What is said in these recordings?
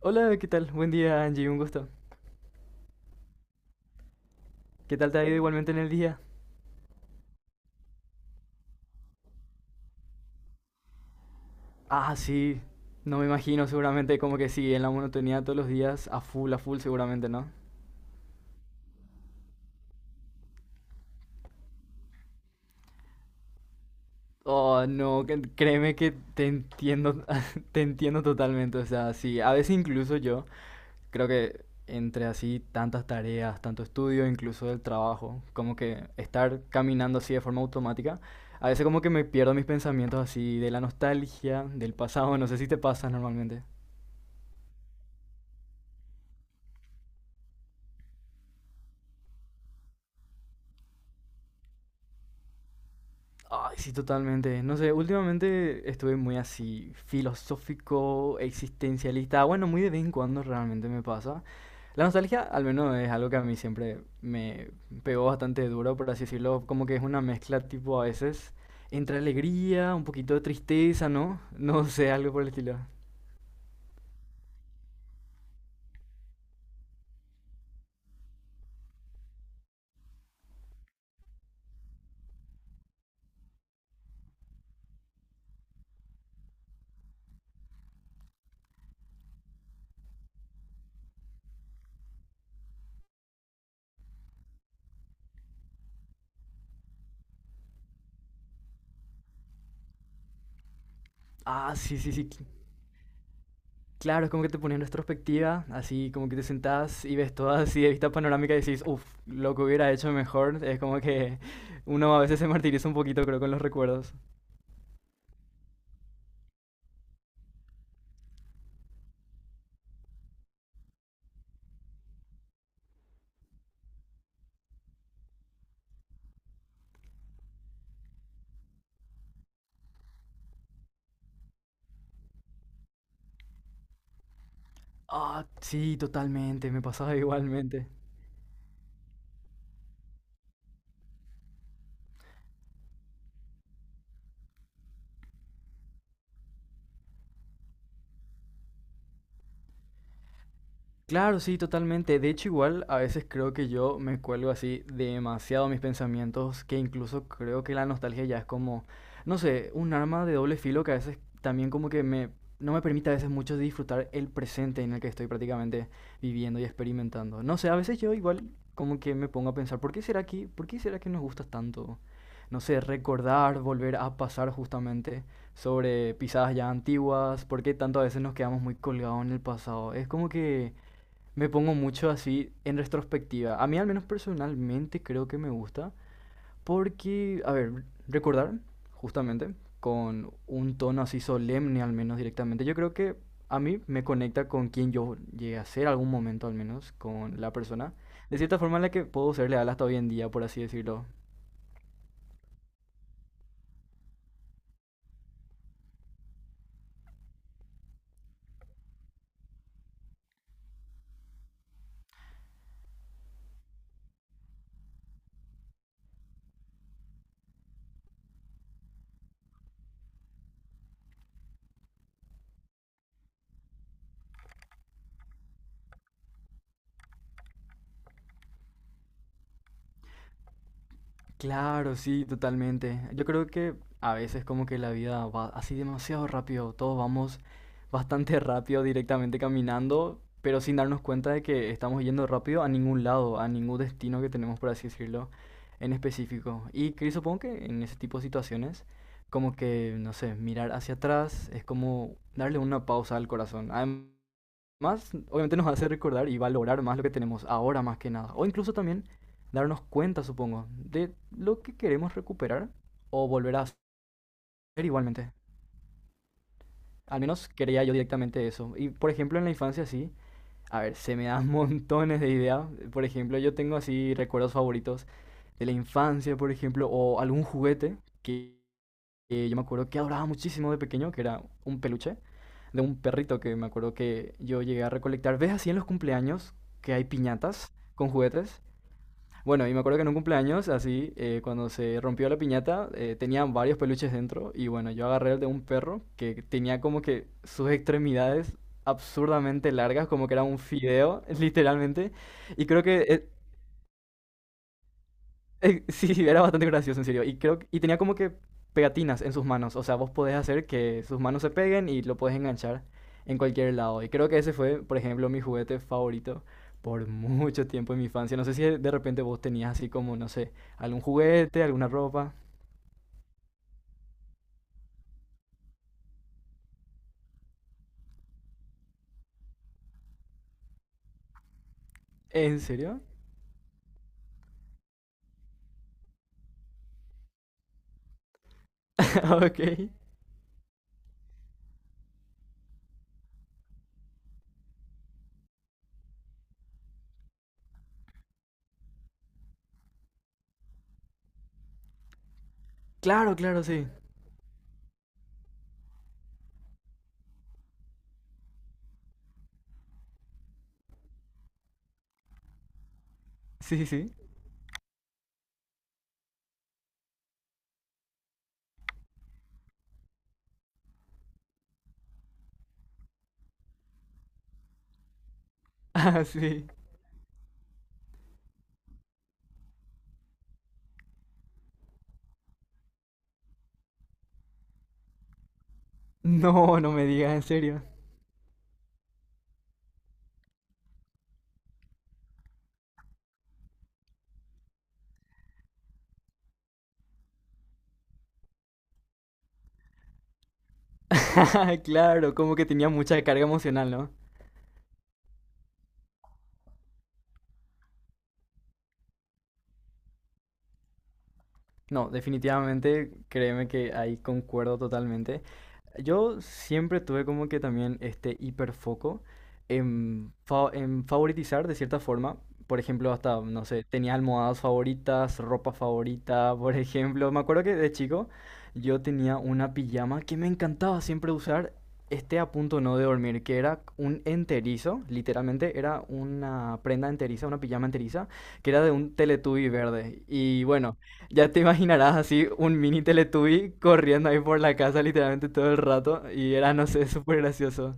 Hola, ¿qué tal? Buen día, Angie, un gusto. ¿Qué tal te ha ido igualmente en el día? Ah, sí, no me imagino, seguramente como que sí, en la monotonía todos los días, a full, seguramente, ¿no? Oh, no, créeme que te entiendo, te entiendo totalmente, o sea, sí, a veces incluso yo creo que entre así tantas tareas, tanto estudio, incluso del trabajo, como que estar caminando así de forma automática, a veces como que me pierdo mis pensamientos así de la nostalgia, del pasado, no sé si te pasa normalmente. Ay, sí, totalmente. No sé, últimamente estuve muy así filosófico, existencialista. Bueno, muy de vez en cuando realmente me pasa. La nostalgia, al menos, es algo que a mí siempre me pegó bastante duro, por así decirlo. Como que es una mezcla, tipo, a veces entre alegría, un poquito de tristeza, ¿no? No sé, algo por el estilo. Ah, sí, sí, sí. Claro, es como que te ponía en retrospectiva, así como que te sentás y ves todo así de vista panorámica y decís, uff, lo que hubiera hecho mejor. Es como que uno a veces se martiriza un poquito, creo, con los recuerdos. Ah, sí, totalmente, me pasaba igualmente. Claro, sí, totalmente. De hecho, igual a veces creo que yo me cuelgo así demasiado a mis pensamientos, que incluso creo que la nostalgia ya es como, no sé, un arma de doble filo que a veces también como que me, no me permite a veces mucho disfrutar el presente en el que estoy prácticamente viviendo y experimentando. No sé, a veces yo igual como que me pongo a pensar, ¿por qué será que, por qué será que nos gusta tanto? No sé, recordar, volver a pasar justamente sobre pisadas ya antiguas, por qué tanto a veces nos quedamos muy colgados en el pasado. Es como que me pongo mucho así en retrospectiva. A mí al menos personalmente creo que me gusta porque, a ver, recordar justamente con un tono así solemne al menos directamente. Yo creo que a mí me conecta con quien yo llegué a ser algún momento al menos, con la persona. De cierta forma en la que puedo ser leal hasta hoy en día, por así decirlo. Claro, sí, totalmente. Yo creo que a veces como que la vida va así demasiado rápido, todos vamos bastante rápido directamente caminando, pero sin darnos cuenta de que estamos yendo rápido a ningún lado, a ningún destino que tenemos, por así decirlo, en específico. Y que supongo que en ese tipo de situaciones, como que, no sé, mirar hacia atrás es como darle una pausa al corazón más obviamente nos hace recordar y valorar más lo que tenemos ahora más que nada. O incluso también darnos cuenta, supongo, de lo que queremos recuperar o volver a hacer igualmente. Al menos quería yo directamente eso. Y por ejemplo en la infancia sí, a ver, se me dan montones de ideas. Por ejemplo, yo tengo así recuerdos favoritos de la infancia, por ejemplo, o algún juguete que yo me acuerdo que adoraba muchísimo de pequeño, que era un peluche de un perrito que me acuerdo que yo llegué a recolectar. ¿Ves así en los cumpleaños que hay piñatas con juguetes? Bueno, y me acuerdo que en un cumpleaños, así, cuando se rompió la piñata, tenían varios peluches dentro. Y bueno, yo agarré el de un perro que tenía como que sus extremidades absurdamente largas, como que era un fideo, literalmente. Y creo que Sí, era bastante gracioso, en serio. Y tenía como que pegatinas en sus manos. O sea, vos podés hacer que sus manos se peguen y lo podés enganchar en cualquier lado. Y creo que ese fue, por ejemplo, mi juguete favorito por mucho tiempo en mi infancia. No sé si de repente vos tenías así como, no sé, algún juguete, alguna ropa. ¿En serio? Ok. Claro, claro, sí. Sí, sí. Ah, sí. No, no me digas, en serio. Claro, como que tenía mucha carga emocional, ¿no? No, definitivamente, créeme que ahí concuerdo totalmente. Yo siempre tuve como que también este hiperfoco en, en favoritizar de cierta forma. Por ejemplo, hasta, no sé, tenía almohadas favoritas, ropa favorita, por ejemplo. Me acuerdo que de chico yo tenía una pijama que me encantaba siempre usar, este a punto no de dormir, que era un enterizo, literalmente era una prenda enteriza, una pijama enteriza, que era de un Teletubby verde. Y bueno, ya te imaginarás así un mini Teletubby corriendo ahí por la casa literalmente todo el rato y era, no sé, súper gracioso.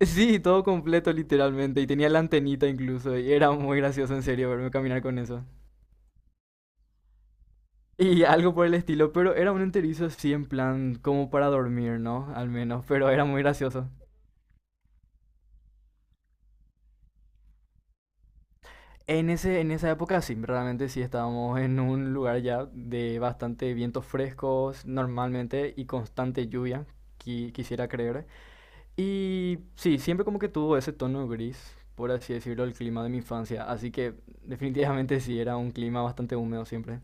Sí, todo completo literalmente y tenía la antenita incluso y era muy gracioso en serio verme caminar con eso. Y algo por el estilo, pero era un enterizo así en plan como para dormir, ¿no? Al menos, pero era muy gracioso. En ese, en esa época sí, realmente sí estábamos en un lugar ya de bastante vientos frescos normalmente y constante lluvia, quisiera creer. Y sí, siempre como que tuvo ese tono gris, por así decirlo, el clima de mi infancia. Así que definitivamente sí, era un clima bastante húmedo siempre.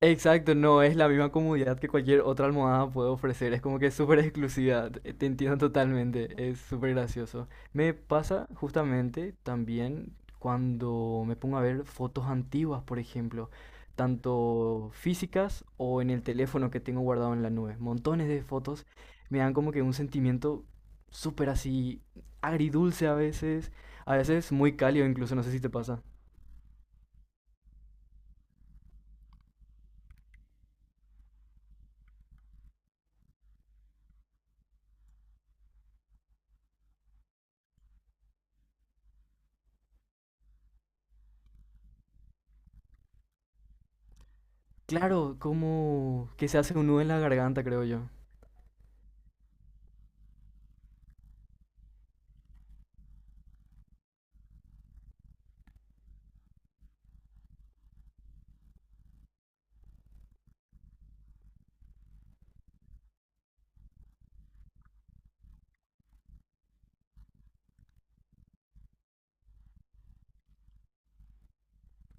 Exacto, no es la misma comodidad que cualquier otra almohada puede ofrecer, es como que es súper exclusiva, te entiendo totalmente, es súper gracioso. Me pasa justamente también cuando me pongo a ver fotos antiguas, por ejemplo, tanto físicas o en el teléfono que tengo guardado en la nube. Montones de fotos me dan como que un sentimiento súper así agridulce a veces muy cálido incluso, no sé si te pasa. Claro, como que se hace un nudo en la garganta, creo yo.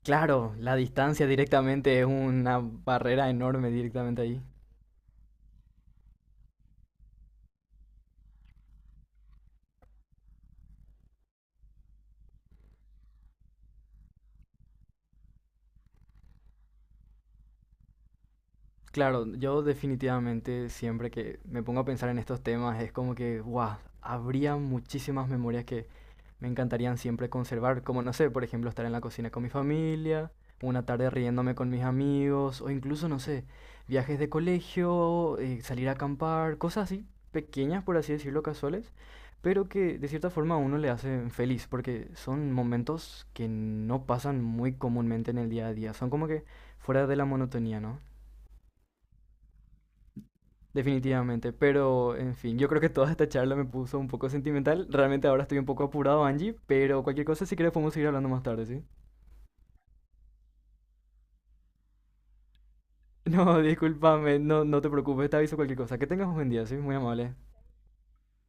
Claro, la distancia directamente es una barrera enorme directamente ahí. Claro, yo definitivamente siempre que me pongo a pensar en estos temas es como que, wow, habría muchísimas memorias que me encantarían siempre conservar, como no sé, por ejemplo, estar en la cocina con mi familia, una tarde riéndome con mis amigos, o incluso, no sé, viajes de colegio, salir a acampar, cosas así, pequeñas, por así decirlo, casuales, pero que de cierta forma a uno le hacen feliz, porque son momentos que no pasan muy comúnmente en el día a día, son como que fuera de la monotonía, ¿no? Definitivamente, pero en fin, yo creo que toda esta charla me puso un poco sentimental. Realmente ahora estoy un poco apurado, Angie, pero cualquier cosa, si quieres, podemos seguir hablando más tarde, ¿sí? No, discúlpame, no, no te preocupes, te aviso cualquier cosa. Que tengas un buen día, ¿sí? Muy amable.